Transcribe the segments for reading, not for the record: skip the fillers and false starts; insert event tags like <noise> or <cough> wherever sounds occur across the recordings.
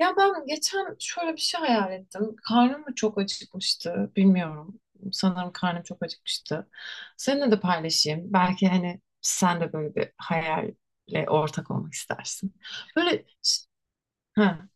Ya ben geçen şöyle bir şey hayal ettim. Karnım mı çok acıkmıştı bilmiyorum. Sanırım karnım çok acıkmıştı. Seninle de paylaşayım. Belki hani sen de böyle bir hayalle ortak olmak istersin. Böyle ha,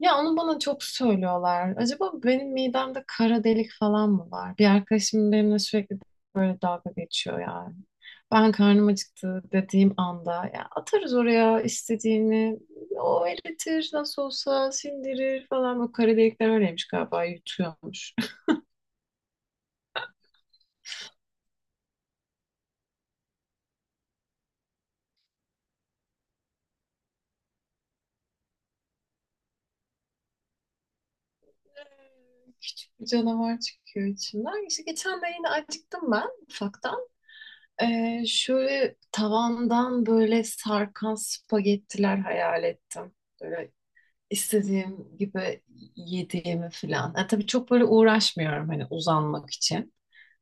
ya onu bana çok söylüyorlar. Acaba benim midemde kara delik falan mı var? Bir arkadaşım benimle sürekli böyle dalga geçiyor yani. Ben karnım acıktı dediğim anda ya atarız oraya istediğini. O eritir nasıl olsa sindirir falan. O kara delikler öyleymiş galiba yutuyormuş. <laughs> Evet, küçük bir canavar çıkıyor içimden. İşte geçen de yine acıktım ben ufaktan. Şöyle tavandan böyle sarkan spagettiler hayal ettim. Böyle istediğim gibi yediğimi falan. Yani tabii çok böyle uğraşmıyorum hani uzanmak için.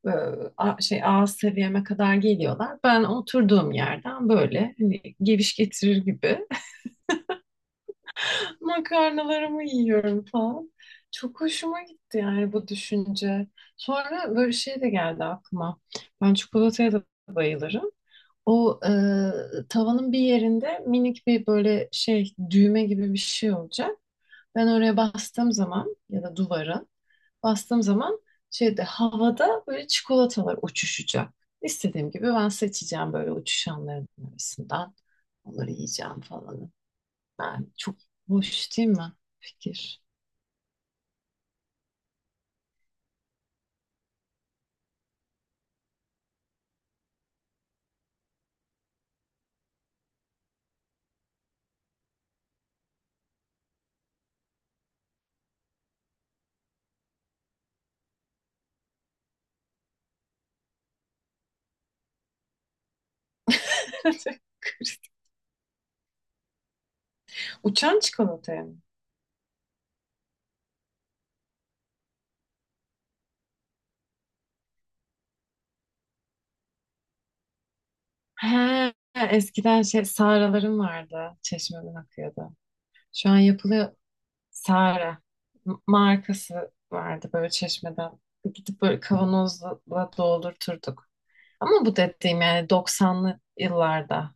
Böyle şey ağız seviyeme kadar geliyorlar. Ben oturduğum yerden böyle hani geviş getirir gibi <laughs> makarnalarımı yiyorum falan. Çok hoşuma gitti yani bu düşünce. Sonra böyle şey de geldi aklıma. Ben çikolataya da bayılırım. O tavanın bir yerinde minik bir böyle şey düğme gibi bir şey olacak. Ben oraya bastığım zaman ya da duvara bastığım zaman şeyde havada böyle çikolatalar uçuşacak. İstediğim gibi ben seçeceğim böyle uçuşanların arasından. Onları yiyeceğim falan. Yani çok hoş değil mi fikir? <laughs> Uçan çikolataya mı? He, eskiden şey sağralarım vardı. Çeşmeden akıyordu. Şu an yapılıyor Sara markası vardı böyle çeşmeden. Gidip böyle kavanozla doldurturduk. Ama bu dediğim yani doksanlı yıllarda.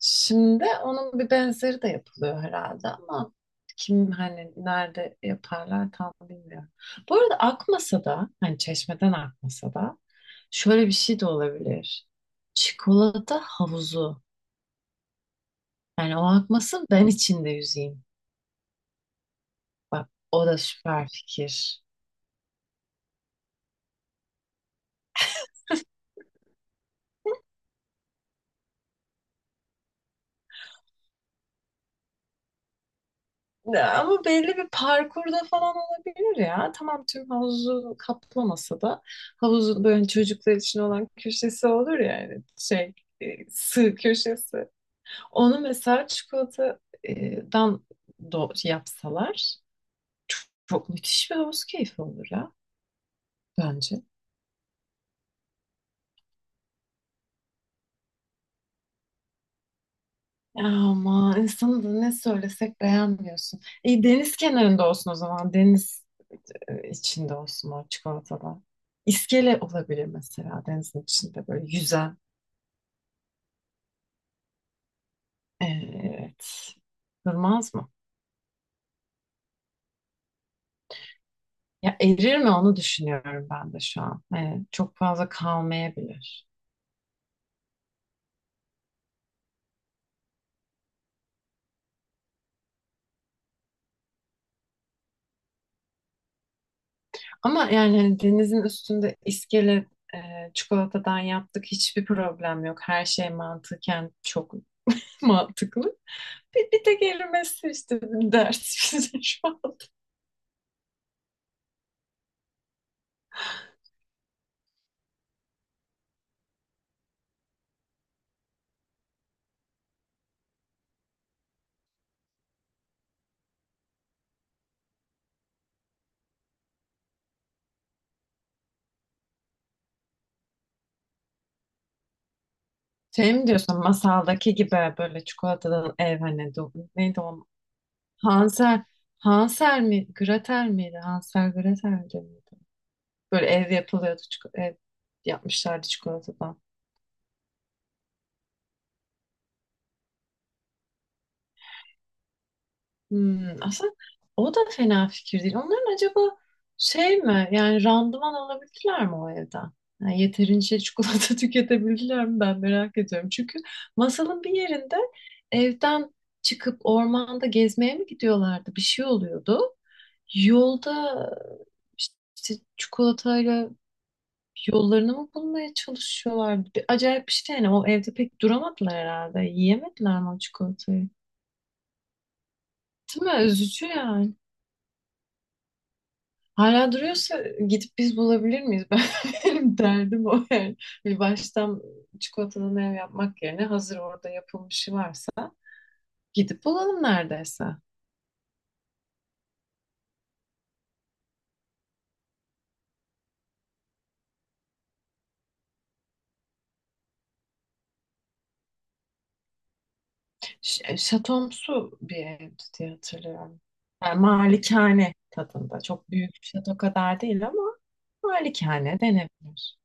Şimdi onun bir benzeri de yapılıyor herhalde ama kim hani nerede yaparlar tam bilmiyorum. Bu arada akmasa da hani çeşmeden akmasa da şöyle bir şey de olabilir. Çikolata havuzu. Yani o akmasın ben içinde yüzeyim. O da süper fikir. Ama belli bir parkurda falan olabilir ya. Tamam tüm havuzu kaplamasa da havuzun böyle çocuklar için olan köşesi olur ya yani şey sığ köşesi. Onu mesela çikolatadan yapsalar çok müthiş bir havuz keyfi olur ya bence. Ama insanı da ne söylesek beğenmiyorsun. İyi deniz kenarında olsun o zaman. Deniz içinde olsun o çikolatada. İskele olabilir mesela denizin içinde böyle yüzen. Evet. Durmaz mı? Ya erir mi onu düşünüyorum ben de şu an. Hani çok fazla kalmayabilir. Ama yani hani denizin üstünde iskele e, çikolatadan yaptık hiçbir problem yok. Her şey mantıken çok <laughs> mantıklı. Bir tek erimesi işte bir dert <laughs> bize şu an. Şey mi diyorsun masaldaki gibi böyle çikolatadan ev hani neydi o? Hansel. Hansel mi? Gretel miydi? Hansel Gretel miydi? Böyle ev yapılıyordu. Ev yapmışlardı çikolatadan. Hmm, aslında o da fena fikir değil. Onların acaba şey mi? Yani randıman alabildiler mi o evden? Yani yeterince çikolata <laughs> tüketebildiler mi? Ben merak ediyorum. Çünkü masalın bir yerinde evden çıkıp ormanda gezmeye mi gidiyorlardı? Bir şey oluyordu. Yolda işte çikolatayla yollarını mı bulmaya çalışıyorlar? Acayip bir şey yani. O evde pek duramadılar herhalde. Yiyemediler mi o çikolatayı? Değil mi? Üzücü yani. Hala duruyorsa gidip biz bulabilir miyiz? <laughs> Benim derdim o yani. Bir baştan çikolatadan ev yapmak yerine hazır orada yapılmışı varsa gidip bulalım neredeyse. Şatomsu bir evdi diye hatırlıyorum. Yani malikane tadında. Çok büyük bir şato kadar değil ama malikane denebilir.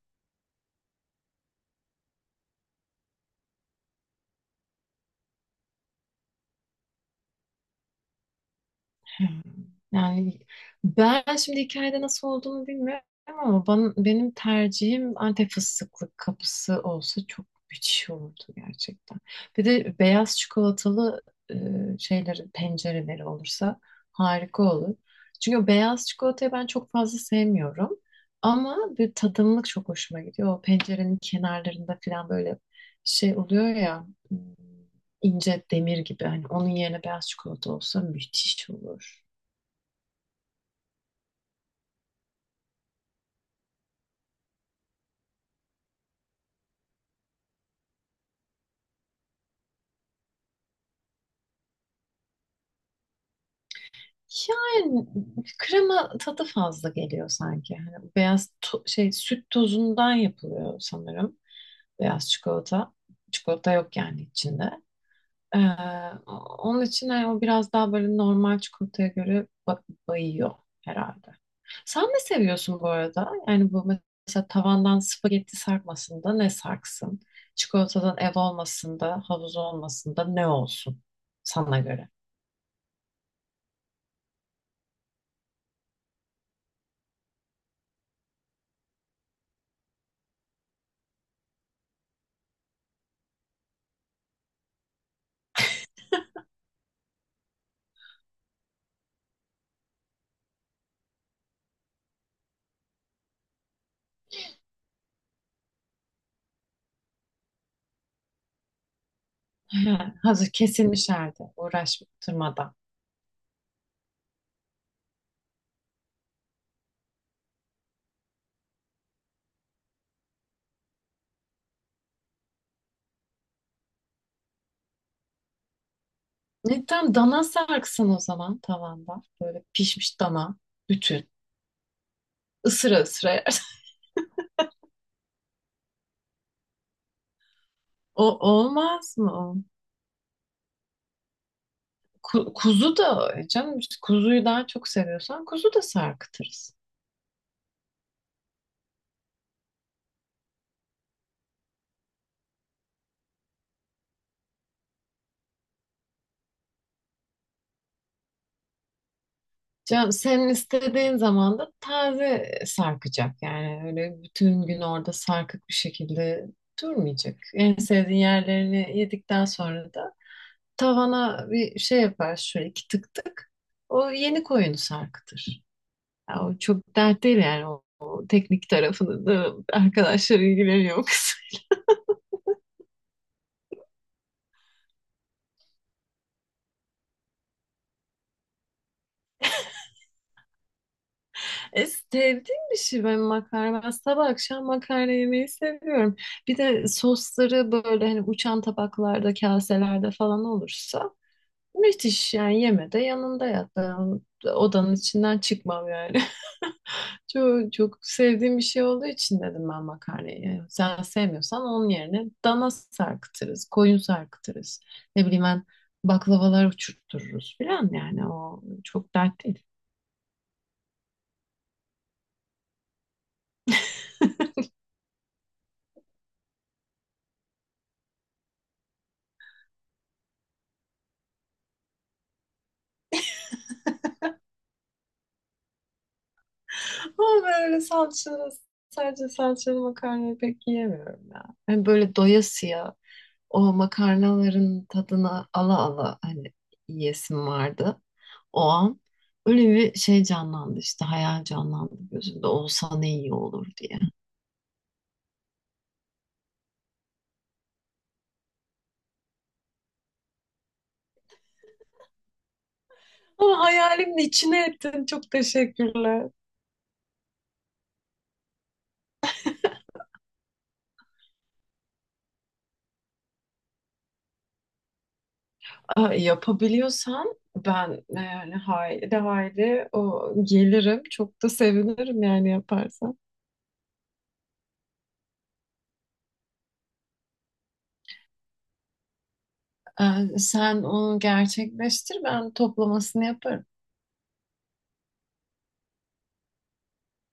Hmm. Yani ben şimdi hikayede nasıl olduğunu bilmiyorum ama benim tercihim Antep fıstıklı kapısı olsa çok müthiş olurdu gerçekten. Bir de beyaz çikolatalı e, şeyleri, pencereleri olursa harika olur. Çünkü o beyaz çikolatayı ben çok fazla sevmiyorum. Ama bir tadımlık çok hoşuma gidiyor. O pencerenin kenarlarında falan böyle şey oluyor ya hmm, ince demir gibi. Hani onun yerine beyaz çikolata olsa müthiş olur. Yani krema tadı fazla geliyor sanki. Hani beyaz şey süt tozundan yapılıyor sanırım. Beyaz çikolata. Çikolata yok yani içinde. Ee, onun için hani o biraz daha böyle normal çikolataya göre bayıyor herhalde. Sen ne seviyorsun bu arada? Yani bu mesela tavandan spagetti sarkmasın ne sarksın? Çikolatadan ev olmasında, havuz olmasında ne olsun sana göre? He, hazır kesilmiş halde uğraştırmadan. Ne tam dana sarksın o zaman tavanda. Böyle pişmiş dana bütün ısıra ısıra yersin. <laughs> O olmaz mı? O? Kuzu da canım kuzuyu daha çok seviyorsan kuzu da sarkıtırız. Canım senin istediğin zaman da taze sarkacak. Yani öyle bütün gün orada sarkık bir şekilde durmayacak. En sevdiğin yerlerini yedikten sonra da tavana bir şey yapar şöyle iki tık tık. O yeni koyunu sarkıtır. Ya o çok dert değil yani o teknik tarafını da arkadaşlar ilgileniyor o kısım. <laughs> Sevdiğim bir şey ben makarna. Ben sabah akşam makarna yemeyi seviyorum. Bir de sosları böyle hani uçan tabaklarda, kaselerde falan olursa müthiş yani yeme de yanında yat. Ben odanın içinden çıkmam yani. Çok sevdiğim bir şey olduğu için dedim ben makarnayı. Yani sen sevmiyorsan onun yerine dana sarkıtırız, koyun sarkıtırız. Ne bileyim ben baklavalar uçurttururuz filan yani o çok dert değil. Ama böyle sadece salçalı makarnayı pek yiyemiyorum ya. Hani böyle doyasıya o makarnaların tadına ala ala hani yiyesim vardı o an. Öyle bir şey canlandı işte hayal canlandı gözümde olsa ne iyi olur diye. Ama hayalimin içine ettin. Çok teşekkürler. Aa, yapabiliyorsam ben yani haydi haydi o gelirim. Çok da sevinirim yani yaparsan. Sen onu gerçekleştir ben toplamasını yaparım.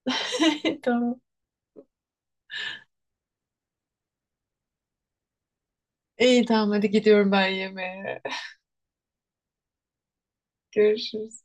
<laughs> Tamam. İyi tamam hadi gidiyorum ben yemeğe. Görüşürüz.